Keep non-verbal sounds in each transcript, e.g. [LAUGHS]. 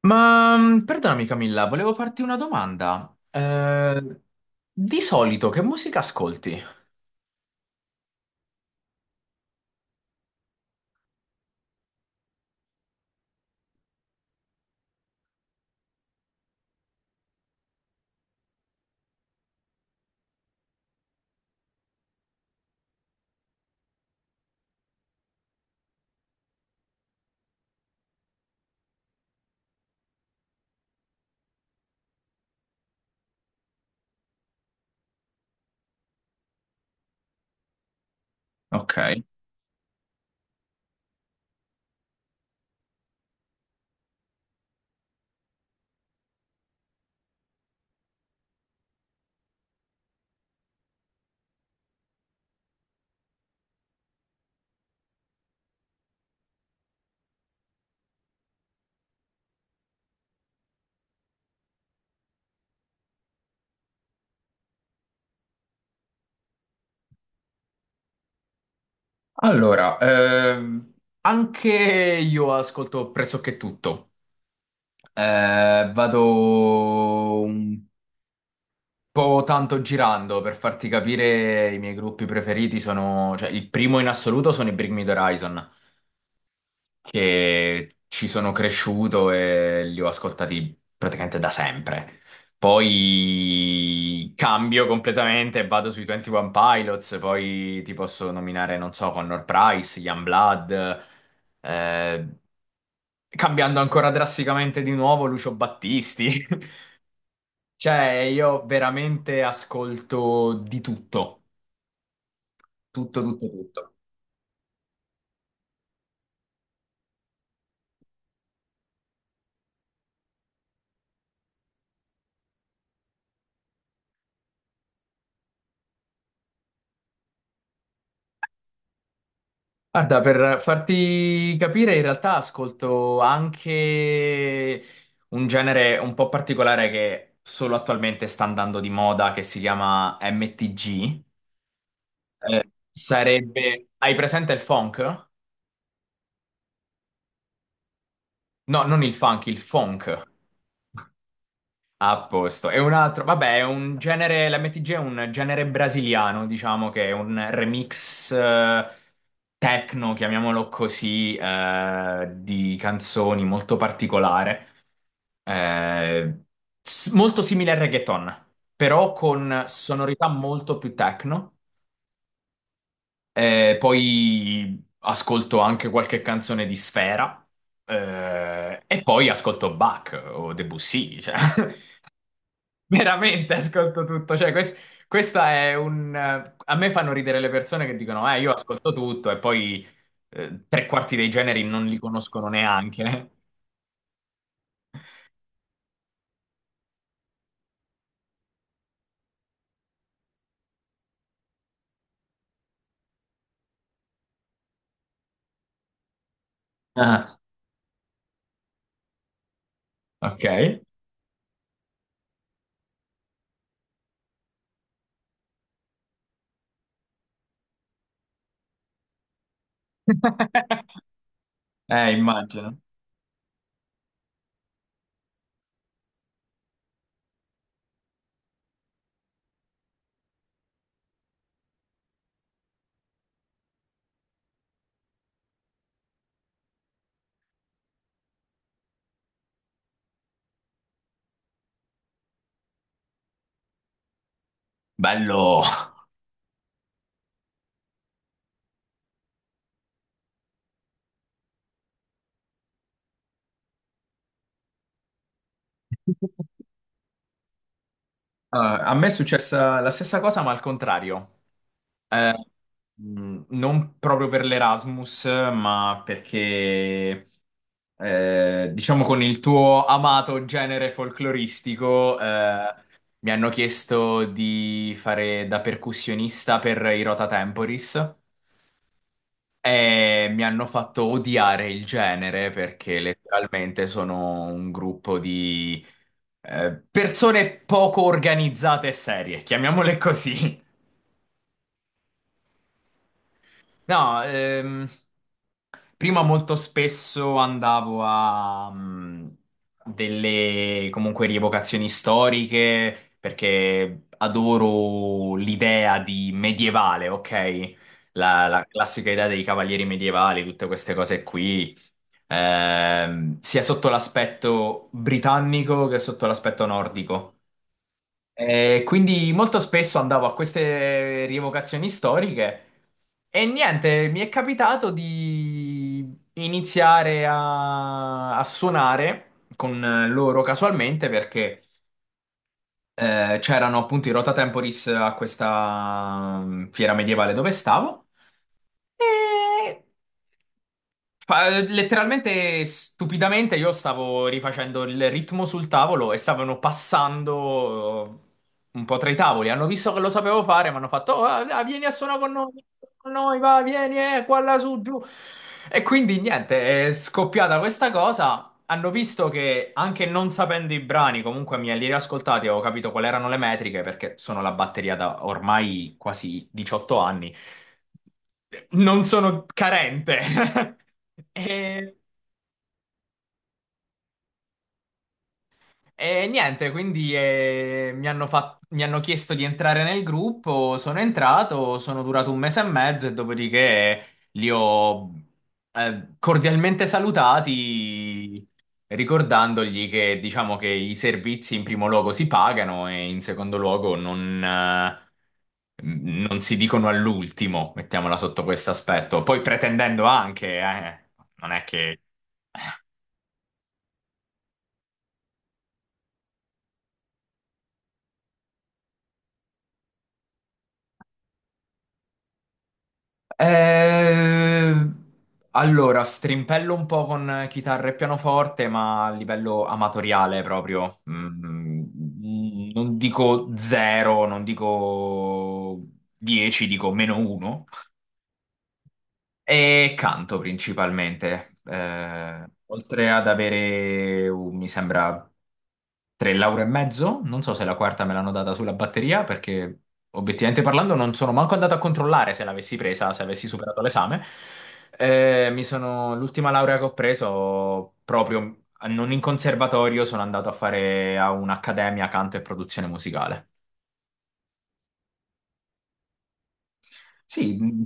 Perdonami, Camilla, volevo farti una domanda. Di solito che musica ascolti? Ok, allora, anche io ascolto pressoché tutto. Vado un po' tanto girando. Per farti capire, i miei gruppi preferiti sono, cioè il primo in assoluto sono i Bring Me the Horizon, che ci sono cresciuto e li ho ascoltati praticamente da sempre. Poi cambio completamente e vado sui 21 Pilots, poi ti posso nominare, non so, Connor Price, Youngblood, eh, cambiando ancora drasticamente di nuovo Lucio Battisti. [LAUGHS] Cioè, io veramente ascolto di tutto, tutto, tutto, tutto. Guarda, per farti capire, in realtà ascolto anche un genere un po' particolare che solo attualmente sta andando di moda, che si chiama MTG. Sarebbe... hai presente il funk? No, non il funk, il funk. A posto. E un altro, vabbè, è un genere. L'MTG è un genere brasiliano, diciamo che è un remix techno, chiamiamolo così, di canzoni molto particolare, eh, molto simile al reggaeton, però con sonorità molto più techno. Poi ascolto anche qualche canzone di Sfera, e poi ascolto Bach o Debussy, cioè. [LAUGHS] Veramente ascolto tutto, cioè questa è un... A me fanno ridere le persone che dicono, io ascolto tutto e poi tre quarti dei generi non li conoscono neanche. Ah, ok. [LAUGHS] Immagino. Bello. [LAUGHS] A me è successa la stessa cosa, ma al contrario. Eh, Non proprio per l'Erasmus, ma perché, diciamo, con il tuo amato genere folcloristico, mi hanno chiesto di fare da percussionista per i Rota Temporis e mi hanno fatto odiare il genere perché letteralmente sono un gruppo di persone poco organizzate e serie, chiamiamole così. No, prima molto spesso andavo a delle comunque rievocazioni storiche perché adoro l'idea di medievale, ok? La classica idea dei cavalieri medievali, tutte queste cose qui, sia sotto l'aspetto britannico che sotto l'aspetto nordico. E quindi molto spesso andavo a queste rievocazioni storiche e niente, mi è capitato di iniziare a suonare con loro casualmente perché c'erano appunto i Rota Temporis a questa fiera medievale dove stavo. Letteralmente, stupidamente, io stavo rifacendo il ritmo sul tavolo e stavano passando un po' tra i tavoli. Hanno visto che lo sapevo fare, mi hanno fatto: "Oh, ah, ah, vieni a suonare con noi, vieni a suonare con noi, va, vieni, qua, là, su, giù". E quindi niente, è scoppiata questa cosa. Hanno visto che anche non sapendo i brani, comunque mi li riascoltati, avevo capito quali erano le metriche, perché sono la batteria da ormai quasi 18 anni, non sono carente. [LAUGHS] E E niente, quindi mi hanno mi hanno chiesto di entrare nel gruppo, sono entrato, sono durato un mese e mezzo e dopodiché li ho cordialmente salutati, ricordandogli che diciamo che i servizi in primo luogo si pagano e in secondo luogo non si dicono all'ultimo, mettiamola sotto questo aspetto. Poi pretendendo anche, non è che... Eh, allora, strimpello un po' con chitarra e pianoforte, ma a livello amatoriale proprio. Non dico zero, non dico dieci, dico meno uno. E canto principalmente, oltre ad avere, mi sembra, tre lauree e mezzo, non so se la quarta me l'hanno data sulla batteria, perché obiettivamente parlando non sono manco andato a controllare se l'avessi presa, se avessi superato l'esame. L'ultima laurea che ho preso, proprio non in conservatorio, sono andato a fare a un'accademia canto e produzione musicale. Sì, [LAUGHS] mh,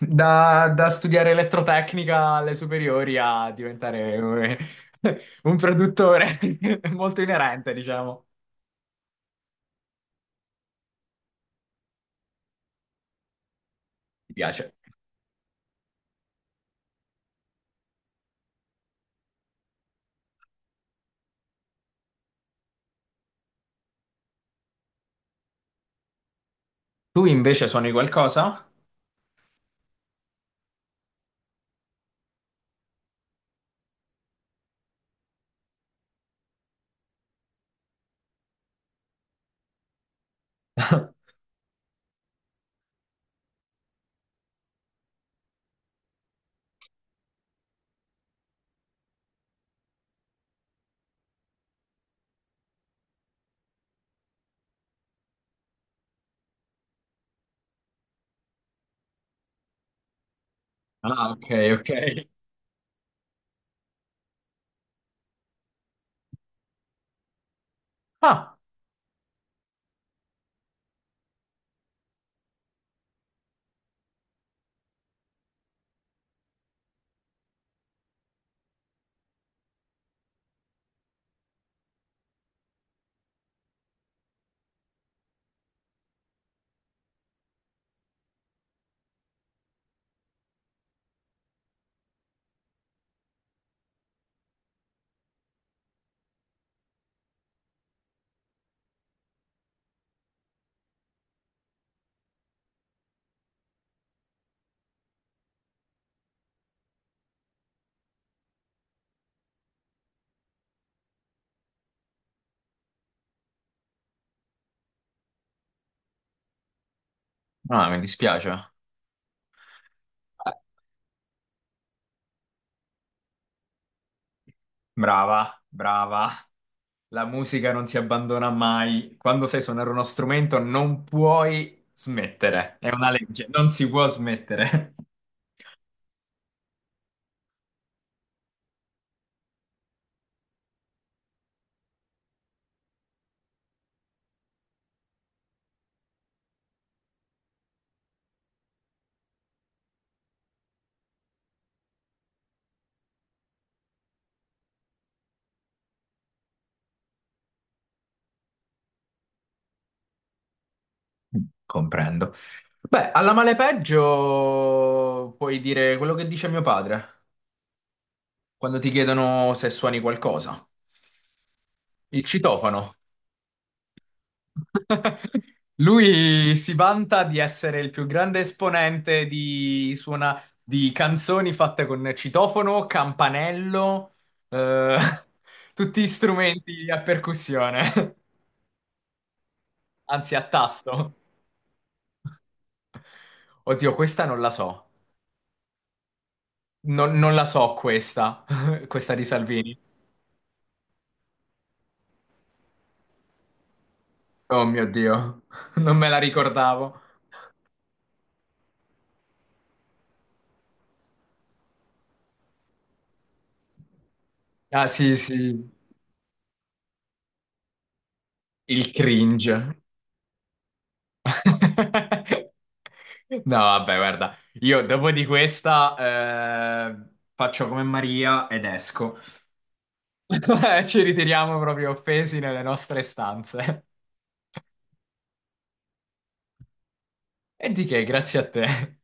da, da studiare elettrotecnica alle superiori a diventare un, [LAUGHS] un produttore [LAUGHS] è molto inerente, diciamo. Mi piace. Tu invece suoni qualcosa? [LAUGHS] Ah, ok, ok. Ah, Mi dispiace. Eh, Brava, brava. La musica non si abbandona mai. Quando sai suonare uno strumento non puoi smettere. È una legge, non si può smettere. [LAUGHS] Comprendo. Beh, alla male peggio puoi dire quello che dice mio padre quando ti chiedono se suoni qualcosa. Il citofono. [LAUGHS] Lui si vanta di essere il più grande esponente di, suona, di canzoni fatte con citofono, campanello, eh, [LAUGHS] tutti strumenti a percussione, [LAUGHS] anzi a tasto. Oddio, questa non la so. Non la so questa, [LAUGHS] questa di Salvini. Oh mio Dio, [LAUGHS] non me la ricordavo. Ah sì, sì, il cringe. [LAUGHS] No, vabbè, guarda, io dopo di questa faccio come Maria ed esco. [LAUGHS] Ci ritiriamo proprio offesi nelle nostre stanze. E di che, grazie a te.